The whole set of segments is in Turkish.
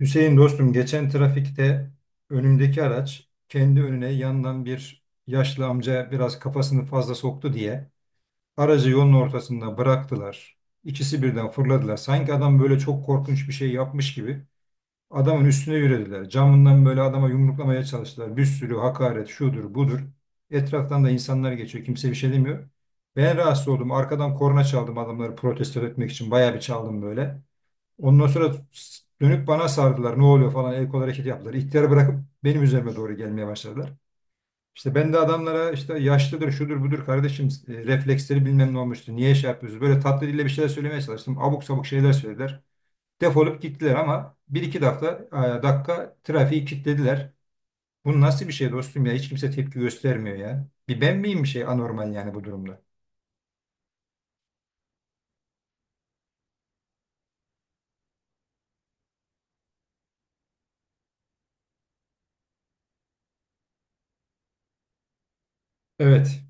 Hüseyin dostum geçen trafikte önümdeki araç kendi önüne yandan bir yaşlı amca biraz kafasını fazla soktu diye aracı yolun ortasında bıraktılar. İkisi birden fırladılar. Sanki adam böyle çok korkunç bir şey yapmış gibi adamın üstüne yürüdüler. Camından böyle adama yumruklamaya çalıştılar. Bir sürü hakaret şudur budur. Etraftan da insanlar geçiyor. Kimse bir şey demiyor. Ben rahatsız oldum. Arkadan korna çaldım adamları protesto etmek için. Bayağı bir çaldım böyle. Ondan sonra dönüp bana sardılar. Ne oluyor falan el kol hareket yaptılar. İhtiyarı bırakıp benim üzerime doğru gelmeye başladılar. İşte ben de adamlara işte yaşlıdır, şudur, budur kardeşim refleksleri bilmem ne olmuştu. Niye şey yapıyorsunuz? Böyle tatlı dille bir şeyler söylemeye çalıştım. Abuk sabuk şeyler söylediler. Defolup gittiler ama bir iki dakika trafiği kilitlediler. Bu nasıl bir şey dostum ya? Hiç kimse tepki göstermiyor ya. Bir ben miyim bir şey anormal yani bu durumda? Evet.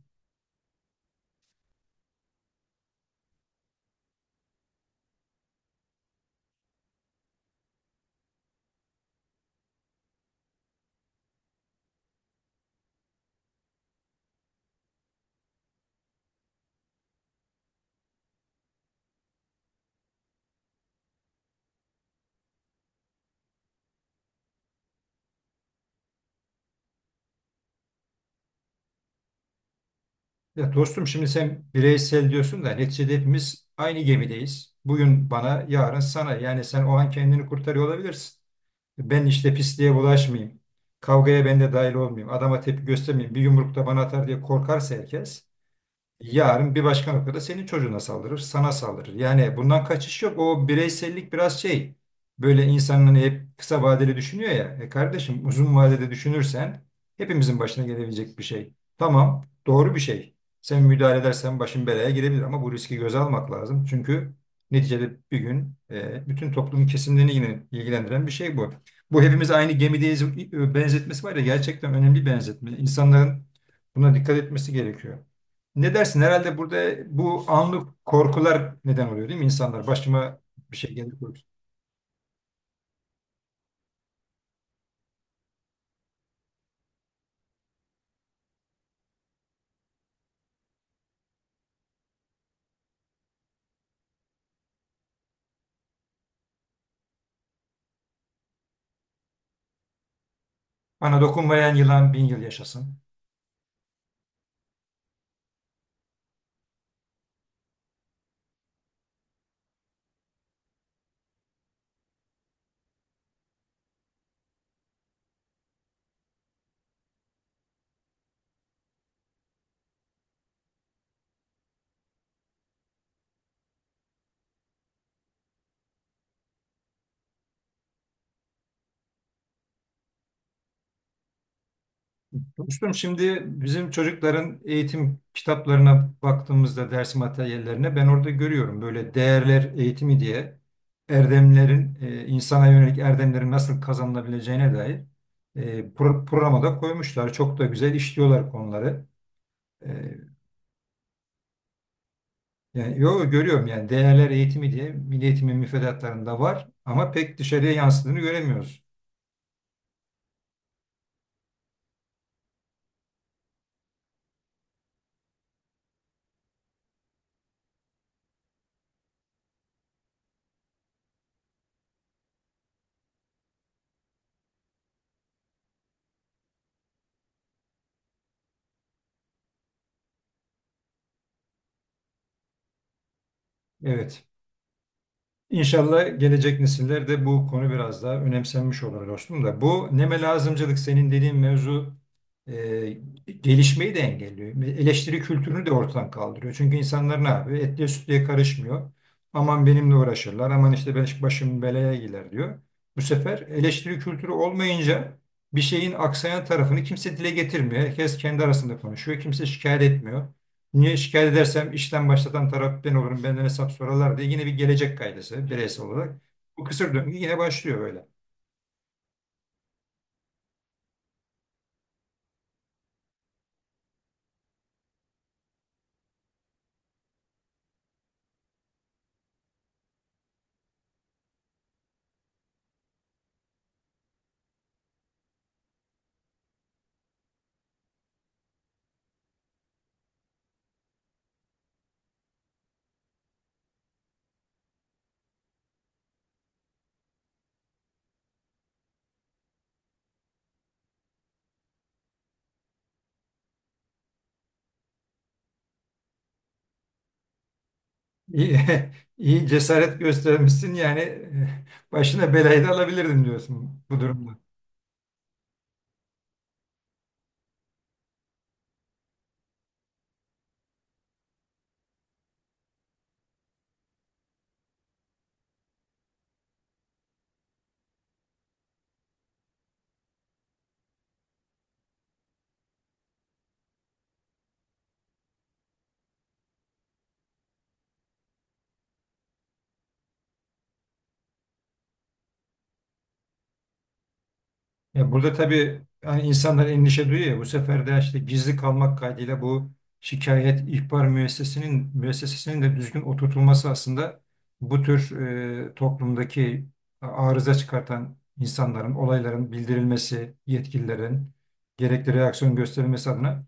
Ya dostum şimdi sen bireysel diyorsun da neticede hepimiz aynı gemideyiz. Bugün bana, yarın sana. Yani sen o an kendini kurtarıyor olabilirsin. Ben işte pisliğe bulaşmayayım. Kavgaya ben de dahil olmayayım. Adama tepki göstermeyeyim. Bir yumruk da bana atar diye korkarsa herkes. Yarın bir başka noktada senin çocuğuna saldırır, sana saldırır. Yani bundan kaçış yok. O bireysellik biraz şey. Böyle insanın hani hep kısa vadeli düşünüyor ya. E kardeşim uzun vadede düşünürsen hepimizin başına gelebilecek bir şey. Tamam, doğru bir şey. Sen müdahale edersen başın belaya girebilir ama bu riski göze almak lazım. Çünkü neticede bir gün bütün toplumun kesimlerini yine ilgilendiren bir şey bu. Bu hepimiz aynı gemideyiz benzetmesi var ya gerçekten önemli bir benzetme. İnsanların buna dikkat etmesi gerekiyor. Ne dersin? Herhalde burada bu anlık korkular neden oluyor değil mi insanlar? Başıma bir şey gelir korkusu. Bana dokunmayan yılan bin yıl yaşasın. Dostum şimdi bizim çocukların eğitim kitaplarına baktığımızda ders materyallerine ben orada görüyorum. Böyle değerler eğitimi diye erdemlerin, insana yönelik erdemlerin nasıl kazanılabileceğine dair programa da koymuşlar. Çok da güzel işliyorlar konuları. E, Yani yo görüyorum yani değerler eğitimi diye milli eğitimin müfredatlarında var ama pek dışarıya yansıdığını göremiyoruz. Evet. İnşallah gelecek nesillerde bu konu biraz daha önemsenmiş olur dostum da. Bu neme lazımcılık senin dediğin mevzu e, gelişmeyi de engelliyor. Eleştiri kültürünü de ortadan kaldırıyor. Çünkü insanlar ne yapıyor? Etliye sütlüye karışmıyor. Aman benimle uğraşırlar. Aman işte ben başım belaya girer diyor. Bu sefer eleştiri kültürü olmayınca bir şeyin aksayan tarafını kimse dile getirmiyor. Herkes kendi arasında konuşuyor. Kimse şikayet etmiyor. Niye şikayet edersem işten başlatan taraf ben olurum, benden hesap sorarlar diye yine bir gelecek kaygısı bireysel olarak. Bu kısır döngü yine başlıyor böyle. İyi, iyi cesaret göstermişsin yani başına belayı da alabilirdim diyorsun bu durumda. Ya burada tabii hani insanlar endişe duyuyor ya bu sefer de işte gizli kalmak kaydıyla bu şikayet ihbar müessesesinin de düzgün oturtulması aslında bu tür toplumdaki arıza çıkartan insanların, olayların bildirilmesi, yetkililerin gerekli reaksiyon gösterilmesi adına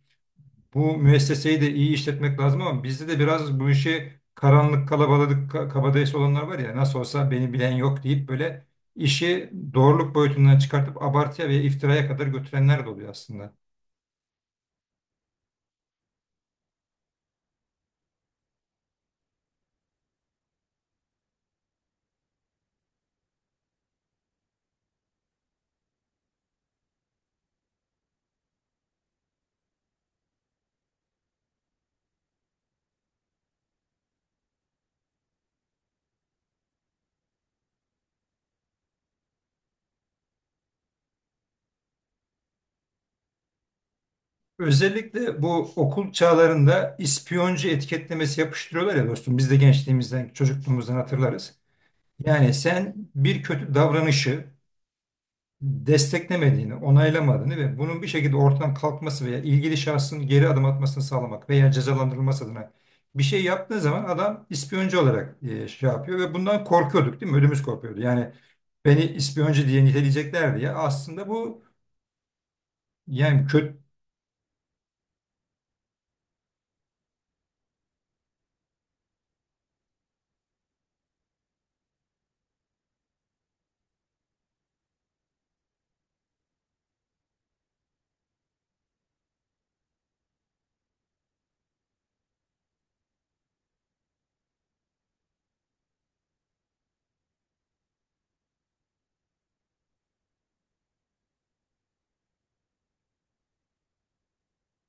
bu müesseseyi de iyi işletmek lazım ama bizde de biraz bu işi kabadayısı olanlar var ya nasıl olsa beni bilen yok deyip böyle işi doğruluk boyutundan çıkartıp abartıya ve iftiraya kadar götürenler de oluyor aslında. Özellikle bu okul çağlarında ispiyoncu etiketlemesi yapıştırıyorlar ya dostum biz de gençliğimizden çocukluğumuzdan hatırlarız. Yani sen bir kötü davranışı desteklemediğini, onaylamadığını ve bunun bir şekilde ortadan kalkması veya ilgili şahsın geri adım atmasını sağlamak veya cezalandırılması adına bir şey yaptığı zaman adam ispiyoncu olarak şey yapıyor ve bundan korkuyorduk değil mi? Ödümüz kopuyordu. Yani beni ispiyoncu diye niteleyecekler diye aslında bu yani kötü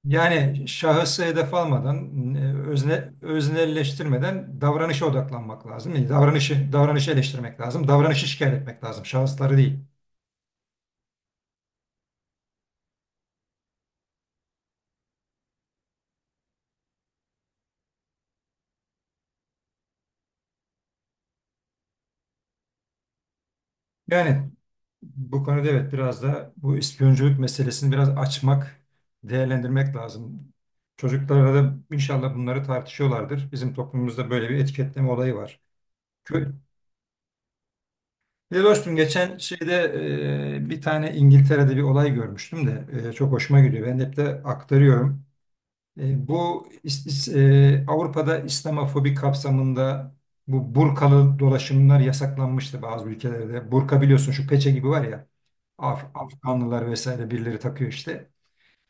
yani şahısı hedef almadan, öznelleştirmeden davranışa odaklanmak lazım. Yani davranışı eleştirmek lazım. Davranışı şikayet etmek lazım. Şahısları değil. Yani Bu konuda evet biraz da bu ispiyonculuk meselesini biraz açmak, değerlendirmek lazım. Çocuklarla da inşallah bunları tartışıyorlardır. Bizim toplumumuzda böyle bir etiketleme olayı var. Kö- Ya dostum geçen şeyde bir tane İngiltere'de bir olay görmüştüm de çok hoşuma gidiyor. Ben hep de aktarıyorum. Bu Avrupa'da İslamofobi kapsamında bu burkalı dolaşımlar yasaklanmıştı bazı ülkelerde. Burka biliyorsun şu peçe gibi var ya. Afganlılar vesaire birileri takıyor işte.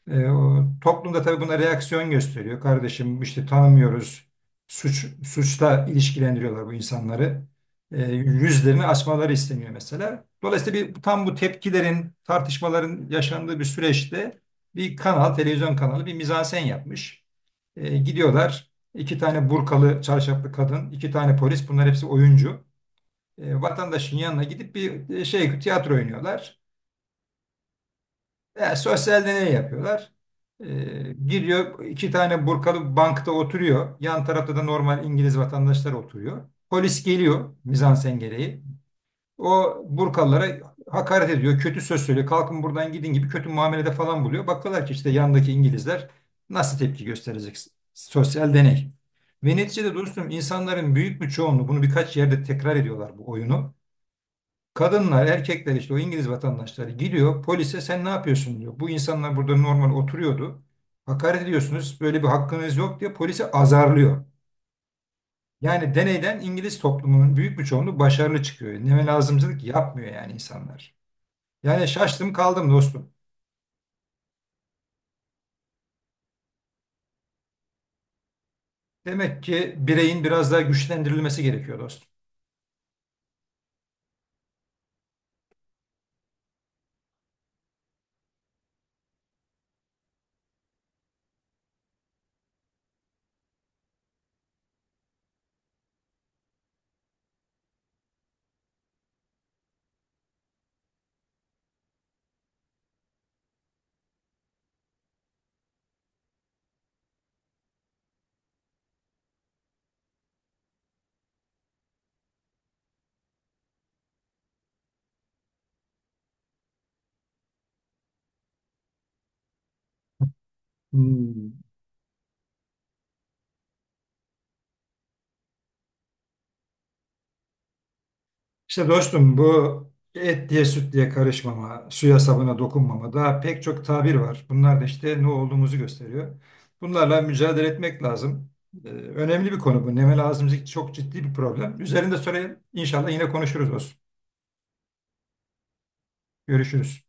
Toplum da tabii buna reaksiyon gösteriyor. Kardeşim işte tanımıyoruz. Suçla ilişkilendiriyorlar bu insanları. Yüzlerini açmaları isteniyor mesela. Dolayısıyla bir, tam bu tepkilerin, tartışmaların yaşandığı bir süreçte bir kanal, televizyon kanalı bir mizansen yapmış. Gidiyorlar. İki tane burkalı, çarşaflı kadın, iki tane polis. Bunlar hepsi oyuncu. Vatandaşın yanına gidip bir tiyatro oynuyorlar. Ya, sosyal deney yapıyorlar. Giriyor iki tane burkalı bankta oturuyor. Yan tarafta da normal İngiliz vatandaşlar oturuyor. Polis geliyor mizansen gereği. O burkalılara hakaret ediyor. Kötü söz söylüyor. Kalkın buradan gidin gibi kötü muamelede falan buluyor. Bakıyorlar ki işte yandaki İngilizler nasıl tepki gösterecek? Sosyal deney. Ve neticede dostum insanların büyük bir çoğunluğu bunu birkaç yerde tekrar ediyorlar bu oyunu. Kadınlar, erkekler işte o İngiliz vatandaşları gidiyor polise sen ne yapıyorsun diyor. Bu insanlar burada normal oturuyordu. Hakaret ediyorsunuz böyle bir hakkınız yok diye polise azarlıyor. Yani deneyden İngiliz toplumunun büyük bir çoğunluğu başarılı çıkıyor. Neme lazımcılık yapmıyor yani insanlar. Yani şaştım kaldım dostum. Demek ki bireyin biraz daha güçlendirilmesi gerekiyor dostum. Hmm. İşte dostum bu et diye süt diye karışmama, suya sabuna dokunmama daha pek çok tabir var. Bunlar da işte ne olduğumuzu gösteriyor. Bunlarla mücadele etmek lazım. Önemli bir konu bu. Nemel ağzımızdaki çok ciddi bir problem. Üzerinde sonra inşallah yine konuşuruz dostum. Görüşürüz.